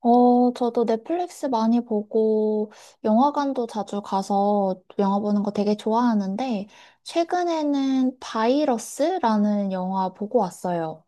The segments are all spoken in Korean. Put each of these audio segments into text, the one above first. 저도 넷플릭스 많이 보고 영화관도 자주 가서 영화 보는 거 되게 좋아하는데, 최근에는 바이러스라는 영화 보고 왔어요.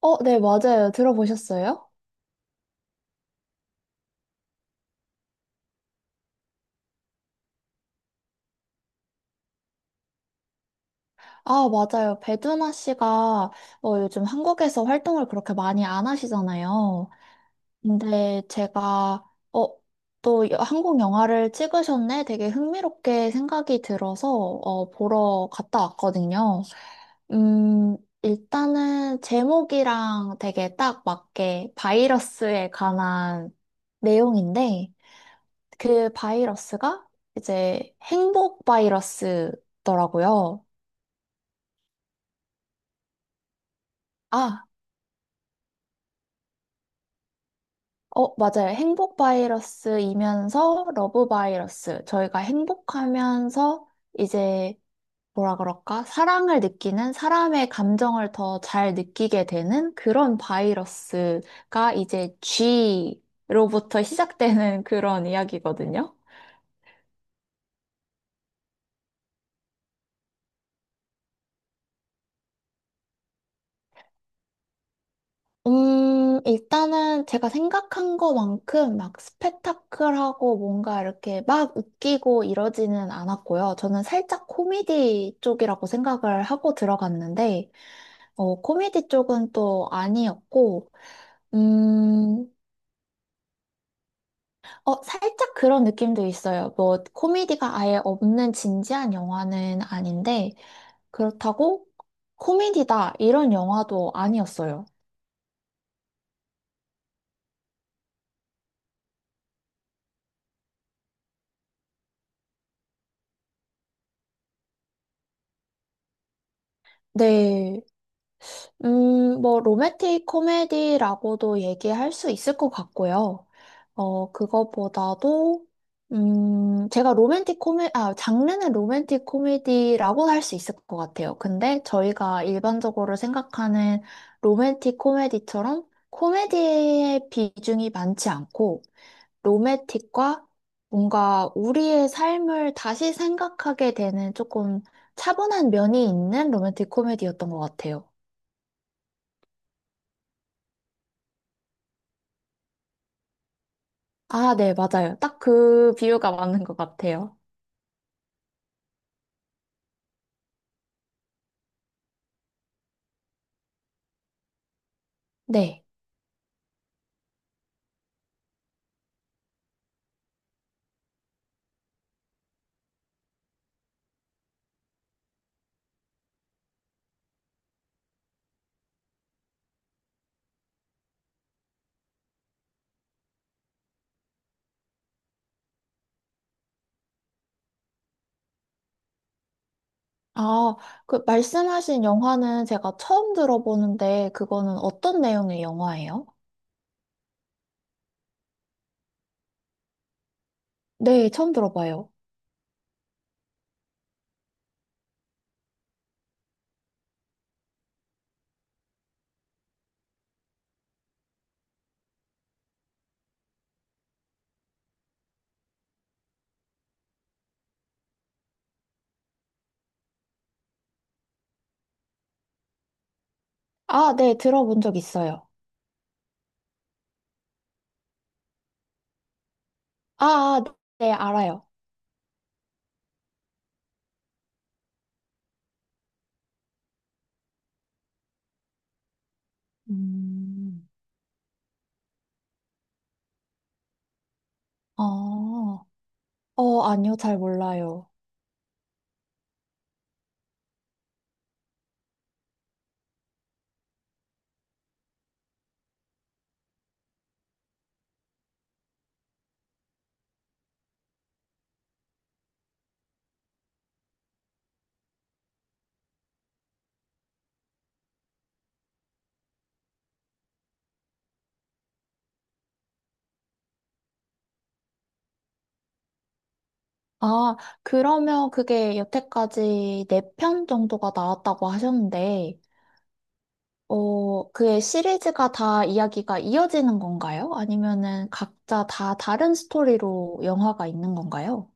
네, 맞아요. 들어보셨어요? 아, 맞아요. 배두나 씨가 요즘 한국에서 활동을 그렇게 많이 안 하시잖아요. 근데 제가 어, 또 한국 영화를 찍으셨네? 되게 흥미롭게 생각이 들어서, 보러 갔다 왔거든요. 일단은 제목이랑 되게 딱 맞게 바이러스에 관한 내용인데, 그 바이러스가 이제 행복 바이러스더라고요. 아, 맞아요. 행복 바이러스이면서 러브 바이러스. 저희가 행복하면서 이제 뭐라 그럴까? 사랑을 느끼는 사람의 감정을 더 잘 느끼게 되는 그런 바이러스가 이제 G로부터 시작되는 그런 이야기거든요. 일단은 제가 생각한 것만큼 막 스펙타클하고 뭔가 이렇게 막 웃기고 이러지는 않았고요. 저는 살짝 코미디 쪽이라고 생각을 하고 들어갔는데, 코미디 쪽은 또 아니었고, 음, 살짝 그런 느낌도 있어요. 뭐, 코미디가 아예 없는 진지한 영화는 아닌데, 그렇다고 코미디다, 이런 영화도 아니었어요. 네. 뭐, 로맨틱 코미디라고도 얘기할 수 있을 것 같고요. 그거보다도, 제가 장르는 로맨틱 코미디라고 할 수 있을 것 같아요. 근데 저희가 일반적으로 생각하는 로맨틱 코미디처럼 코미디의 비중이 많지 않고, 로맨틱과 뭔가 우리의 삶을 다시 생각하게 되는 조금 차분한 면이 있는 로맨틱 코미디였던 것 같아요. 아, 네, 맞아요. 딱 그 비유가 맞는 것 같아요. 네. 아, 그 말씀하신 영화는 제가 처음 들어보는데, 그거는 어떤 내용의 영화예요? 네, 처음 들어봐요. 아, 네, 들어본 적 있어요. 아, 아, 네, 알아요. 음. 아, 아니요, 잘 몰라요. 아, 그러면 그게 여태까지 네 편 정도가 나왔다고 하셨는데, 그의 시리즈가 다 이야기가 이어지는 건가요? 아니면은 각자 다 다른 스토리로 영화가 있는 건가요?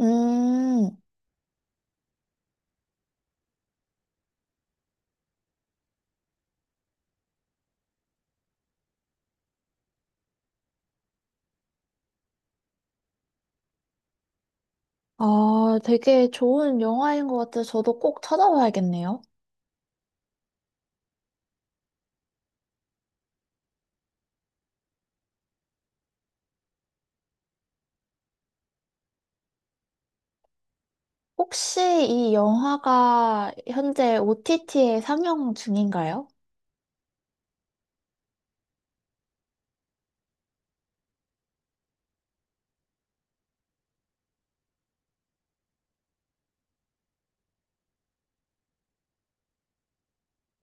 음, 되게 좋은 영화인 것 같아요. 저도 꼭 찾아봐야겠네요. 혹시 이 영화가 현재 OTT에 상영 중인가요?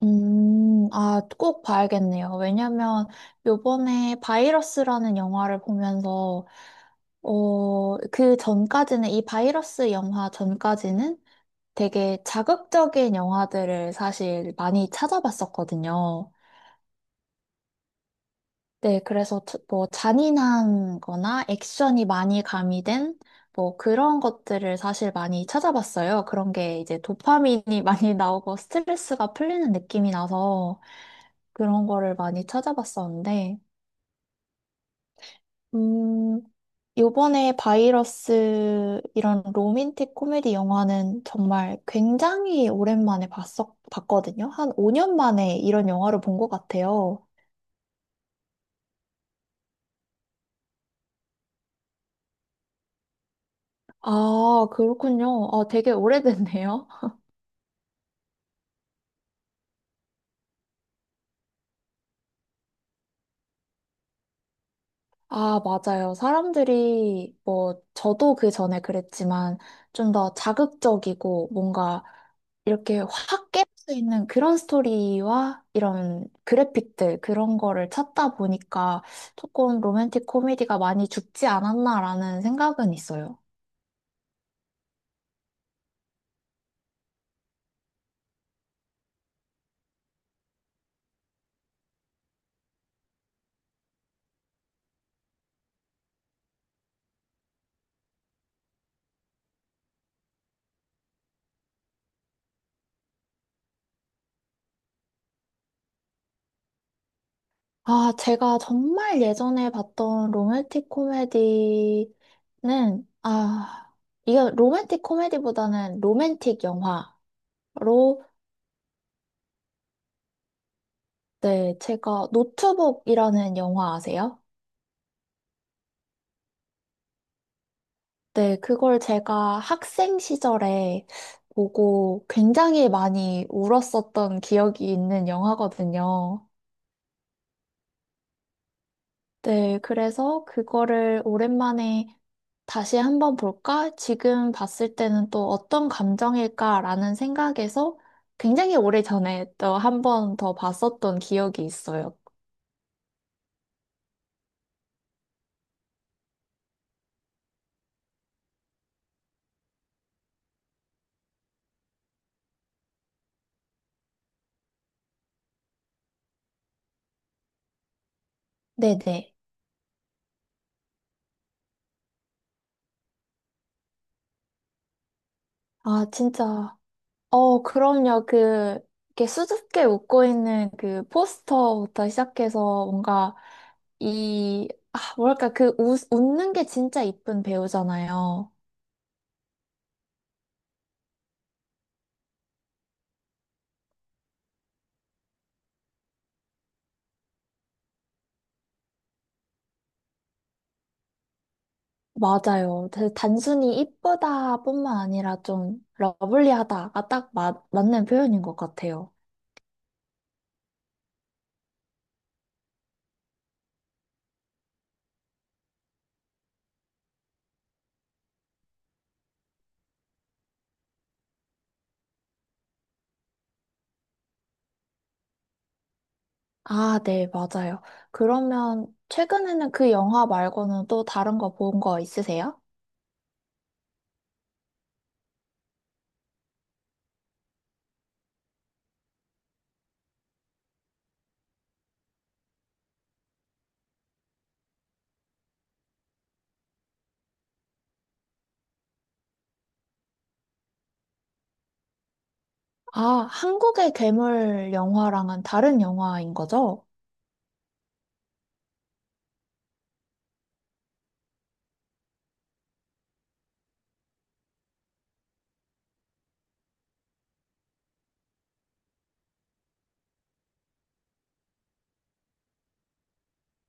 꼭 봐야겠네요. 왜냐면 요번에 바이러스라는 영화를 보면서, 그 전까지는, 이 바이러스 영화 전까지는 되게 자극적인 영화들을 사실 많이 찾아봤었거든요. 네, 그래서 뭐 잔인한 거나 액션이 많이 가미된 뭐 그런 것들을 사실 많이 찾아봤어요. 그런 게 이제 도파민이 많이 나오고 스트레스가 풀리는 느낌이 나서 그런 거를 많이 찾아봤었는데, 음, 요번에 바이러스 이런 로맨틱 코미디 영화는 정말 굉장히 오랜만에 봤거든요. 한 5년 만에 이런 영화를 본 것 같아요. 아, 그렇군요. 아, 되게 오래됐네요. 아, 맞아요. 사람들이, 뭐, 저도 그 전에 그랬지만, 좀 더 자극적이고, 뭔가, 이렇게 확 깰 수 있는 그런 스토리와 이런 그래픽들, 그런 거를 찾다 보니까, 조금 로맨틱 코미디가 많이 죽지 않았나라는 생각은 있어요. 아, 제가 정말 예전에 봤던 로맨틱 코미디는, 아, 이게 로맨틱 코미디보다는 로맨틱 영화로. 네, 제가 노트북이라는 영화 아세요? 네, 그걸 제가 학생 시절에 보고 굉장히 많이 울었었던 기억이 있는 영화거든요. 네, 그래서 그거를 오랜만에 다시 한번 볼까? 지금 봤을 때는 또 어떤 감정일까라는 생각에서 굉장히 오래전에 또 한 번 더 봤었던 기억이 있어요. 네네. 아, 진짜. 그럼요. 그, 이렇게 수줍게 웃고 있는 그 포스터부터 시작해서 뭔가 이, 아, 뭐랄까, 그 웃는 게 진짜 이쁜 배우잖아요. 맞아요. 그 단순히 이쁘다뿐만 아니라 좀 러블리하다가 딱 맞는 표현인 것 같아요. 아, 네, 맞아요. 그러면 최근에는 그 영화 말고는 또 다른 거 본 거 있으세요? 아, 한국의 괴물 영화랑은 다른 영화인 거죠?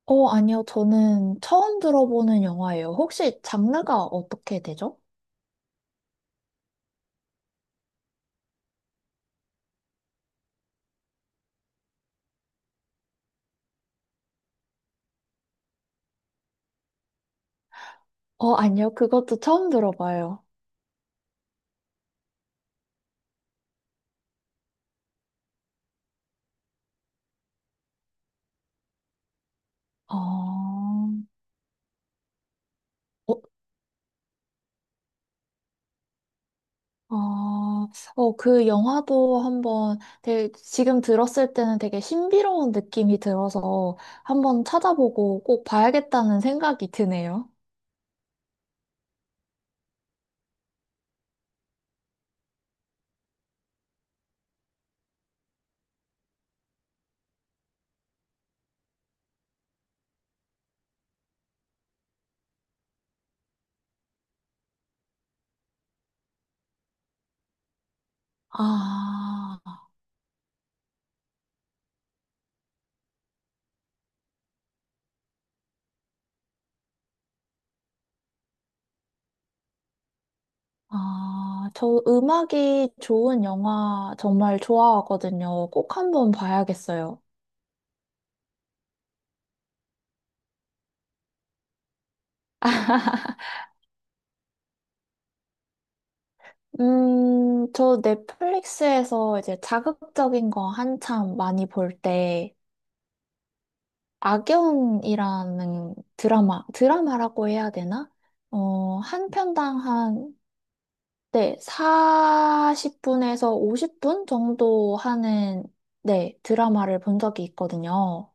아니요. 저는 처음 들어보는 영화예요. 혹시 장르가 어떻게 되죠? 아니요. 그것도 처음 들어봐요. 어, 어, 아, 그 영화도 한번 되게 지금 들었을 때는 되게 신비로운 느낌이 들어서 한번 찾아보고 꼭 봐야겠다는 생각이 드네요. 아, 저 음악이 좋은 영화 정말 좋아하거든요. 꼭 한번 봐야겠어요. 저 넷플릭스에서 이제 자극적인 거 한참 많이 볼 때, 악연이라는 드라마, 드라마라고 해야 되나? 한 편당 한, 네, 40분에서 50분 정도 하는, 네, 드라마를 본 적이 있거든요.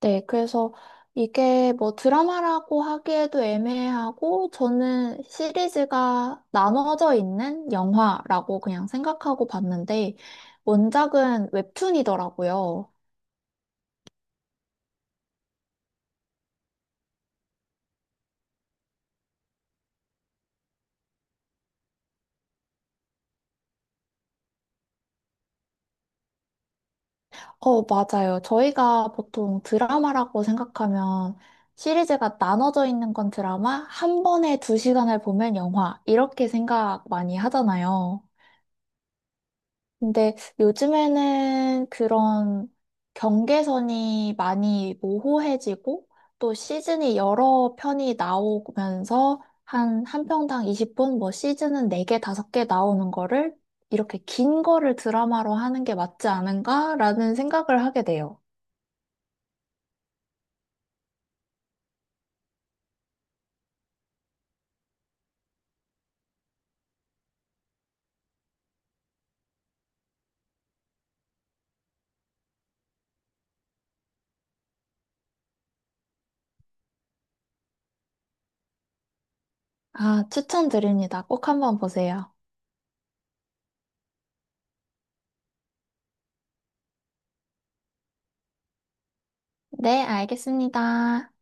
네, 그래서 이게 뭐 드라마라고 하기에도 애매하고, 저는 시리즈가 나눠져 있는 영화라고 그냥 생각하고 봤는데 원작은 웹툰이더라고요. 맞아요. 저희가 보통 드라마라고 생각하면 시리즈가 나눠져 있는 건 드라마, 한 번에 두 시간을 보면 영화, 이렇게 생각 많이 하잖아요. 근데 요즘에는 그런 경계선이 많이 모호해지고 또 시즌이 여러 편이 나오면서 한 편당 20분, 뭐 시즌은 4개, 5개 나오는 거를 이렇게 긴 거를 드라마로 하는 게 맞지 않은가라는 생각을 하게 돼요. 아, 추천드립니다. 꼭 한번 보세요. 네, 알겠습니다.